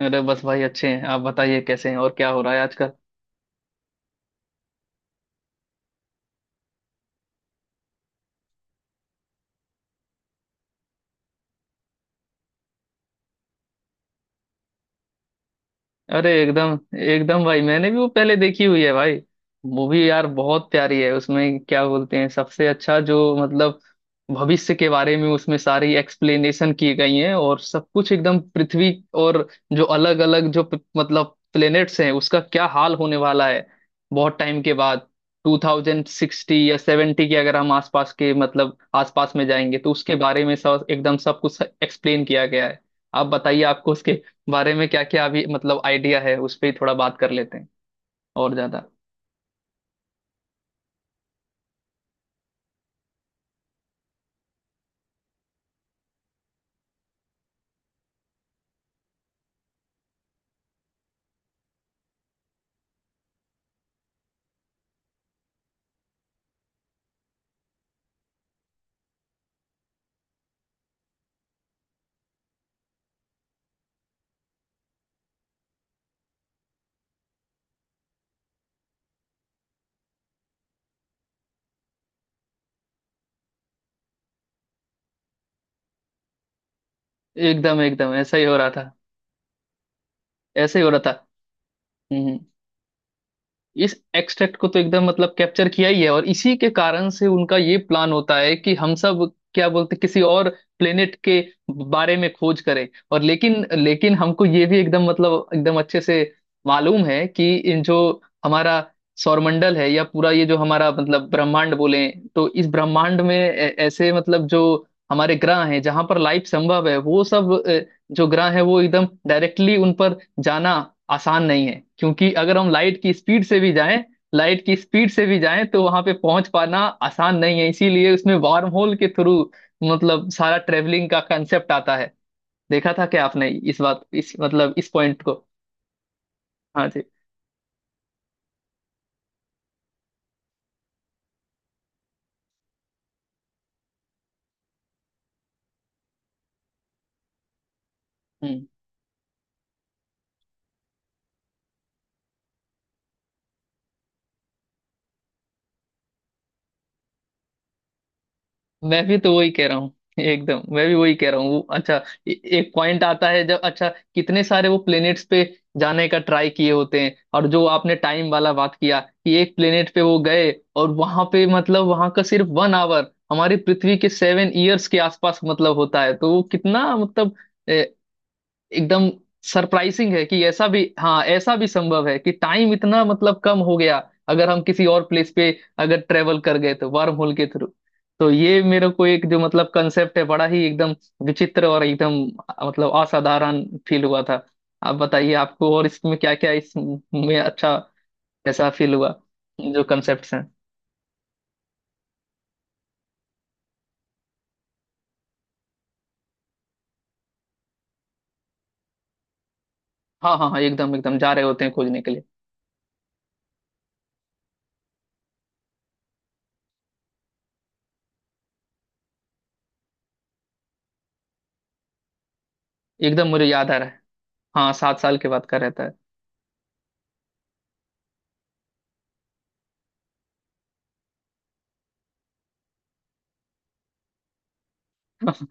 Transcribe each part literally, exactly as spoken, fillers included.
अरे बस भाई अच्छे हैं। आप बताइए कैसे हैं और क्या हो रहा है आजकल। अरे एकदम एकदम भाई, मैंने भी वो पहले देखी हुई है भाई। मूवी यार बहुत प्यारी है। उसमें क्या बोलते हैं सबसे अच्छा जो मतलब भविष्य के बारे में उसमें सारी एक्सप्लेनेशन की गई है और सब कुछ एकदम पृथ्वी और जो अलग अलग जो प- मतलब प्लेनेट्स हैं उसका क्या हाल होने वाला है बहुत टाइम के बाद। 2060 या 70 के अगर हम आसपास के मतलब आसपास में जाएंगे तो उसके बारे में सब एकदम सब कुछ एक्सप्लेन किया गया है। आप बताइए आपको उसके बारे में क्या क्या अभी मतलब आइडिया है, उस पर ही थोड़ा बात कर लेते हैं और ज्यादा। एकदम एकदम ऐसा ही हो रहा था। ऐसा ही हो रहा था। हम्म हम्म। इस एक्सट्रैक्ट को तो एकदम मतलब कैप्चर किया ही है और इसी के कारण से उनका ये प्लान होता है कि हम सब क्या बोलते किसी और प्लेनेट के बारे में खोज करें। और लेकिन लेकिन हमको ये भी एकदम मतलब एकदम अच्छे से मालूम है कि इन जो हमारा सौरमंडल है या पूरा ये जो हमारा मतलब ब्रह्मांड बोले तो इस ब्रह्मांड में ऐ- ऐसे मतलब जो हमारे ग्रह हैं जहां पर लाइफ संभव है वो सब अ, जो ग्रह है वो एकदम डायरेक्टली उन पर जाना आसान नहीं है। क्योंकि अगर हम लाइट की स्पीड से भी जाएं, लाइट की स्पीड से भी जाएं तो वहां पे पहुंच पाना आसान नहीं है। इसीलिए उसमें वार्म होल के थ्रू मतलब सारा ट्रेवलिंग का कंसेप्ट आता है। देखा था क्या आपने इस बात इस मतलब इस पॉइंट को? हाँ जी। मैं भी तो वही कह रहा हूँ एकदम, मैं भी वही कह रहा हूँ। वो- अच्छा, ए- एक पॉइंट आता है जब अच्छा कितने सारे वो प्लेनेट्स पे जाने का ट्राई किए होते हैं, और जो आपने टाइम वाला बात किया कि एक प्लेनेट पे वो गए और वहां पे मतलब वहां का सिर्फ वन आवर हमारी पृथ्वी के सेवन ईयर्स के आसपास मतलब होता है, तो वो कितना मतलब एकदम सरप्राइजिंग है कि ऐसा भी, हाँ, ऐसा भी संभव है कि टाइम इतना मतलब कम हो गया अगर हम किसी और प्लेस पे अगर ट्रेवल कर गए तो वर्म होल के थ्रू। तो ये मेरे को एक जो मतलब कंसेप्ट है बड़ा ही एकदम विचित्र और एकदम मतलब असाधारण फील हुआ था। आप बताइए आपको और इसमें क्या क्या इसमें अच्छा ऐसा फील हुआ जो कंसेप्ट हैं। हाँ हाँ हाँ, एकदम एकदम जा रहे होते हैं खोजने के लिए। एकदम मुझे याद आ रहा है, हाँ सात साल के बाद का रहता है।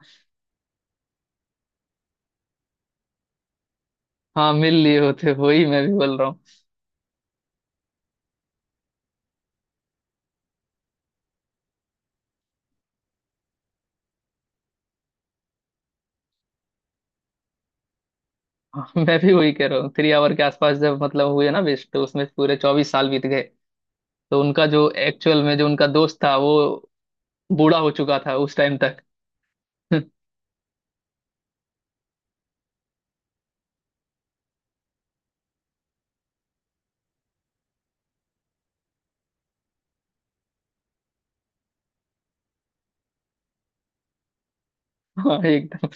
हाँ, मिल लिए होते, वही मैं भी बोल रहा हूँ। हाँ, मैं भी वही कह रहा हूँ, थ्री आवर के आसपास जब मतलब हुए ना वेस्ट, तो उसमें पूरे चौबीस साल बीत गए। तो उनका जो एक्चुअल में जो उनका दोस्त था वो बूढ़ा हो चुका था उस टाइम तक। हाँ, एकदम।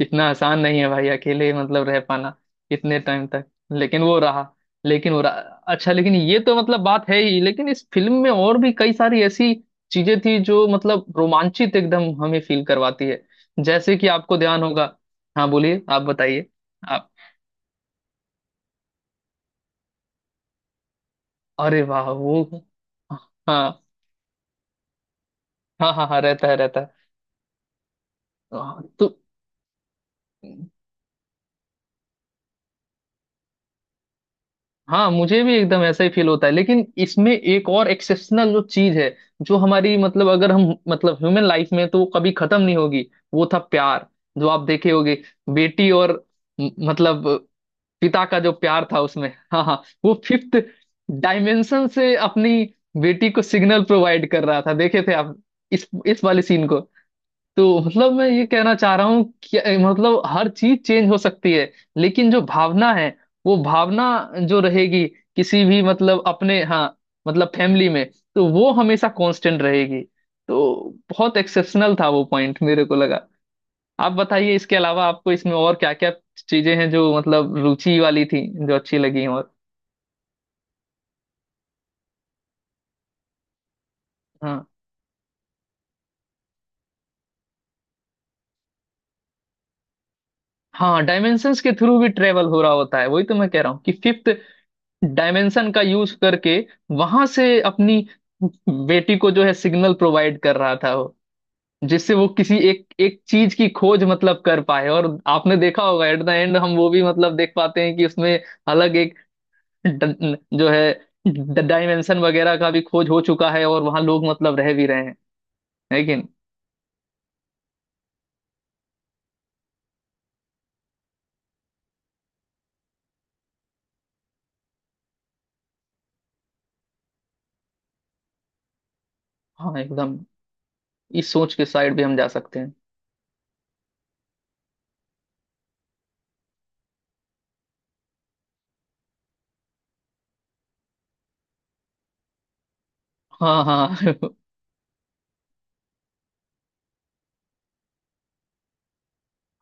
इतना आसान नहीं है भाई अकेले मतलब रह पाना इतने टाइम तक। लेकिन वो रहा। लेकिन वो रहा। अच्छा लेकिन ये तो मतलब बात है ही, लेकिन इस फिल्म में और भी कई सारी ऐसी चीजें थी जो मतलब रोमांचित एकदम हमें फील करवाती है। जैसे कि आपको ध्यान होगा, हाँ बोलिए आप बताइए। अरे वाह वो, हाँ हाँ हाँ, हाँ रहता है रहता है। हाँ, तो हाँ मुझे भी एकदम ऐसा ही फील होता है। लेकिन इसमें एक और एक्सेप्शनल जो चीज है जो हमारी मतलब अगर हम मतलब ह्यूमन लाइफ में तो वो कभी खत्म नहीं होगी, वो था प्यार। जो आप देखे होगे बेटी और म- मतलब पिता का जो प्यार था उसमें, हाँ हाँ वो फिफ्थ डायमेंशन से अपनी बेटी को सिग्नल प्रोवाइड कर रहा था। देखे थे आप इस इस वाले सीन को? तो मतलब मैं ये कहना चाह रहा हूँ कि मतलब हर चीज चेंज हो सकती है, लेकिन जो भावना है वो भावना जो रहेगी किसी भी मतलब अपने, हाँ, मतलब फैमिली में, तो वो हमेशा कांस्टेंट रहेगी। तो बहुत एक्सेप्शनल था वो पॉइंट मेरे को लगा। आप बताइए इसके अलावा आपको इसमें और क्या क्या चीजें हैं जो मतलब रुचि वाली थी, जो अच्छी लगी और हाँ हाँ। डायमेंशंस के थ्रू भी ट्रेवल हो रहा होता है, वही तो मैं कह रहा हूँ कि फिफ्थ डायमेंशन का यूज करके वहां से अपनी बेटी को जो है सिग्नल प्रोवाइड कर रहा था वो, जिससे वो किसी एक एक चीज की खोज मतलब कर पाए। और आपने देखा होगा एट द एंड हम वो भी मतलब देख पाते हैं कि उसमें अलग एक ड- जो है डायमेंशन वगैरह का भी खोज हो चुका है और वहां लोग मतलब रह भी रहे हैं लेकिन। हाँ एकदम, इस सोच के साइड भी हम जा सकते हैं। हाँ हाँ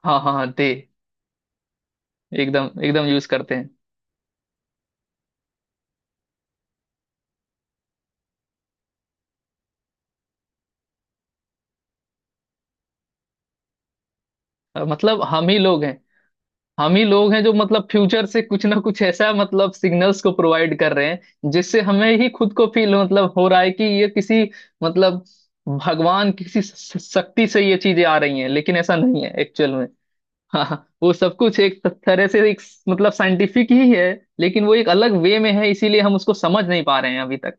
हाँ हाँ हाँ, दे एकदम एकदम यूज करते हैं। अ, मतलब हम ही लोग हैं। हम ही लोग हैं जो मतलब फ्यूचर से कुछ ना कुछ ऐसा मतलब सिग्नल्स को प्रोवाइड कर रहे हैं, जिससे हमें ही खुद को फील मतलब हो रहा है कि ये किसी मतलब भगवान किसी श- शक्ति से ये चीजें आ रही हैं, लेकिन ऐसा नहीं है एक्चुअल में। हाँ हाँ, वो सब कुछ एक तरह से एक मतलब साइंटिफिक ही है, लेकिन वो एक अलग वे में है, इसीलिए हम उसको समझ नहीं पा रहे हैं अभी तक।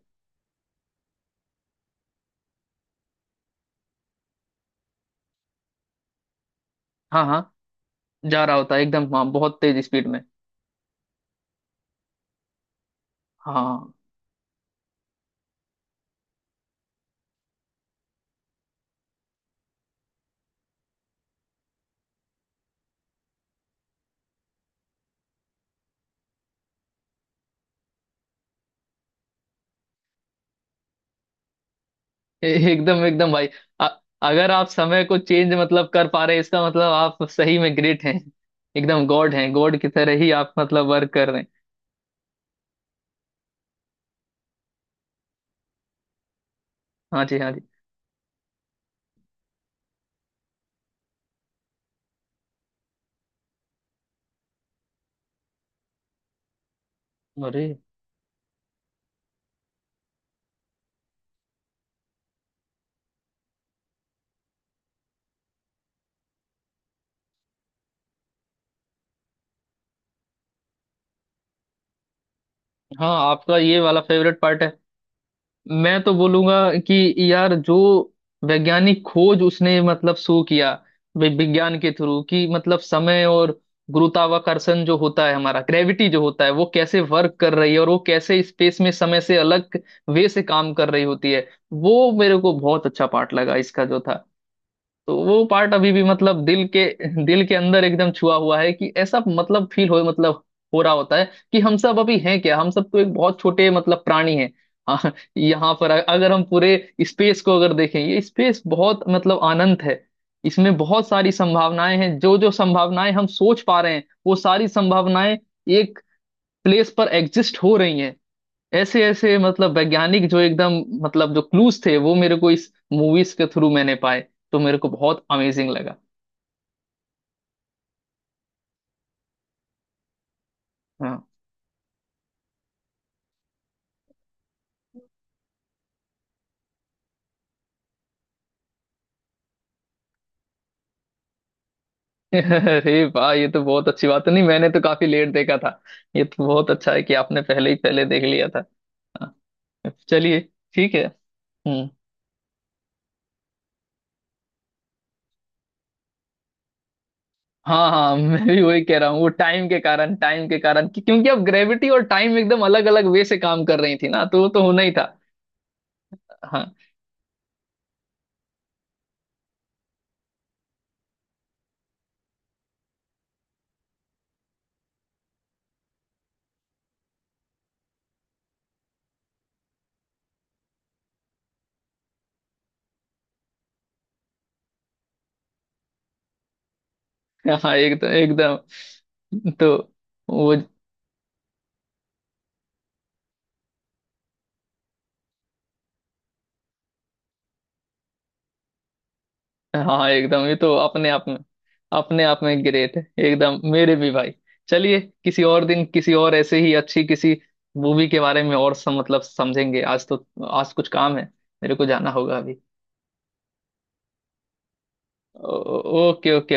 हाँ हाँ, जा रहा होता है एकदम हाँ बहुत तेज स्पीड में। हाँ हाँ। ए- एकदम एकदम भाई। अ- अगर आप समय को चेंज मतलब कर पा रहे हैं, इसका मतलब आप सही में ग्रेट हैं। एकदम गॉड हैं, गॉड की तरह ही आप मतलब वर्क कर रहे हैं। हाँ जी हाँ जी। अरे हाँ, आपका ये वाला फेवरेट पार्ट है। मैं तो बोलूंगा कि यार जो वैज्ञानिक खोज उसने मतलब शो किया वि- विज्ञान के थ्रू, कि मतलब समय और गुरुत्वाकर्षण जो होता है हमारा ग्रेविटी जो होता है वो कैसे वर्क कर रही है और वो कैसे स्पेस में समय से अलग वे से काम कर रही होती है, वो मेरे को बहुत अच्छा पार्ट लगा इसका जो था। तो वो पार्ट अभी भी मतलब दिल के दिल के अंदर एकदम छुआ हुआ है, कि ऐसा मतलब फील हो मतलब हो रहा होता है कि हम सब अभी हैं क्या, हम सब तो एक बहुत छोटे मतलब प्राणी हैं। हाँ, यहाँ पर अगर हम पूरे स्पेस को अगर देखें ये स्पेस बहुत मतलब अनंत है। इसमें बहुत सारी संभावनाएं हैं, जो जो संभावनाएं हम सोच पा रहे हैं वो सारी संभावनाएं एक प्लेस पर एग्जिस्ट हो रही हैं। ऐसे ऐसे मतलब वैज्ञानिक जो एकदम मतलब जो क्लूज थे वो मेरे को इस मूवीज के थ्रू मैंने पाए। तो मेरे को बहुत अमेजिंग लगा। हाँ। अरे वाह, ये तो बहुत अच्छी बात है। नहीं, मैंने तो काफी लेट देखा था। ये तो बहुत अच्छा है कि आपने पहले ही पहले देख लिया था। हाँ, चलिए ठीक है। हम्म। हाँ हाँ, मैं भी वही कह रहा हूँ, वो टाइम के कारण, टाइम के कारण कि क्योंकि अब ग्रेविटी और टाइम एकदम अलग अलग वे से काम कर रही थी ना, तो वो तो होना ही था। हाँ हाँ एकदम एकदम। तो वो, हाँ एकदम। ये तो अपने आप में अपने आप में ग्रेट है एकदम मेरे भी भाई। चलिए किसी और दिन किसी और ऐसे ही अच्छी किसी मूवी के बारे में और सम मतलब समझेंगे। आज तो आज कुछ काम है, मेरे को जाना होगा अभी। ओ- ओ- ओके ओके।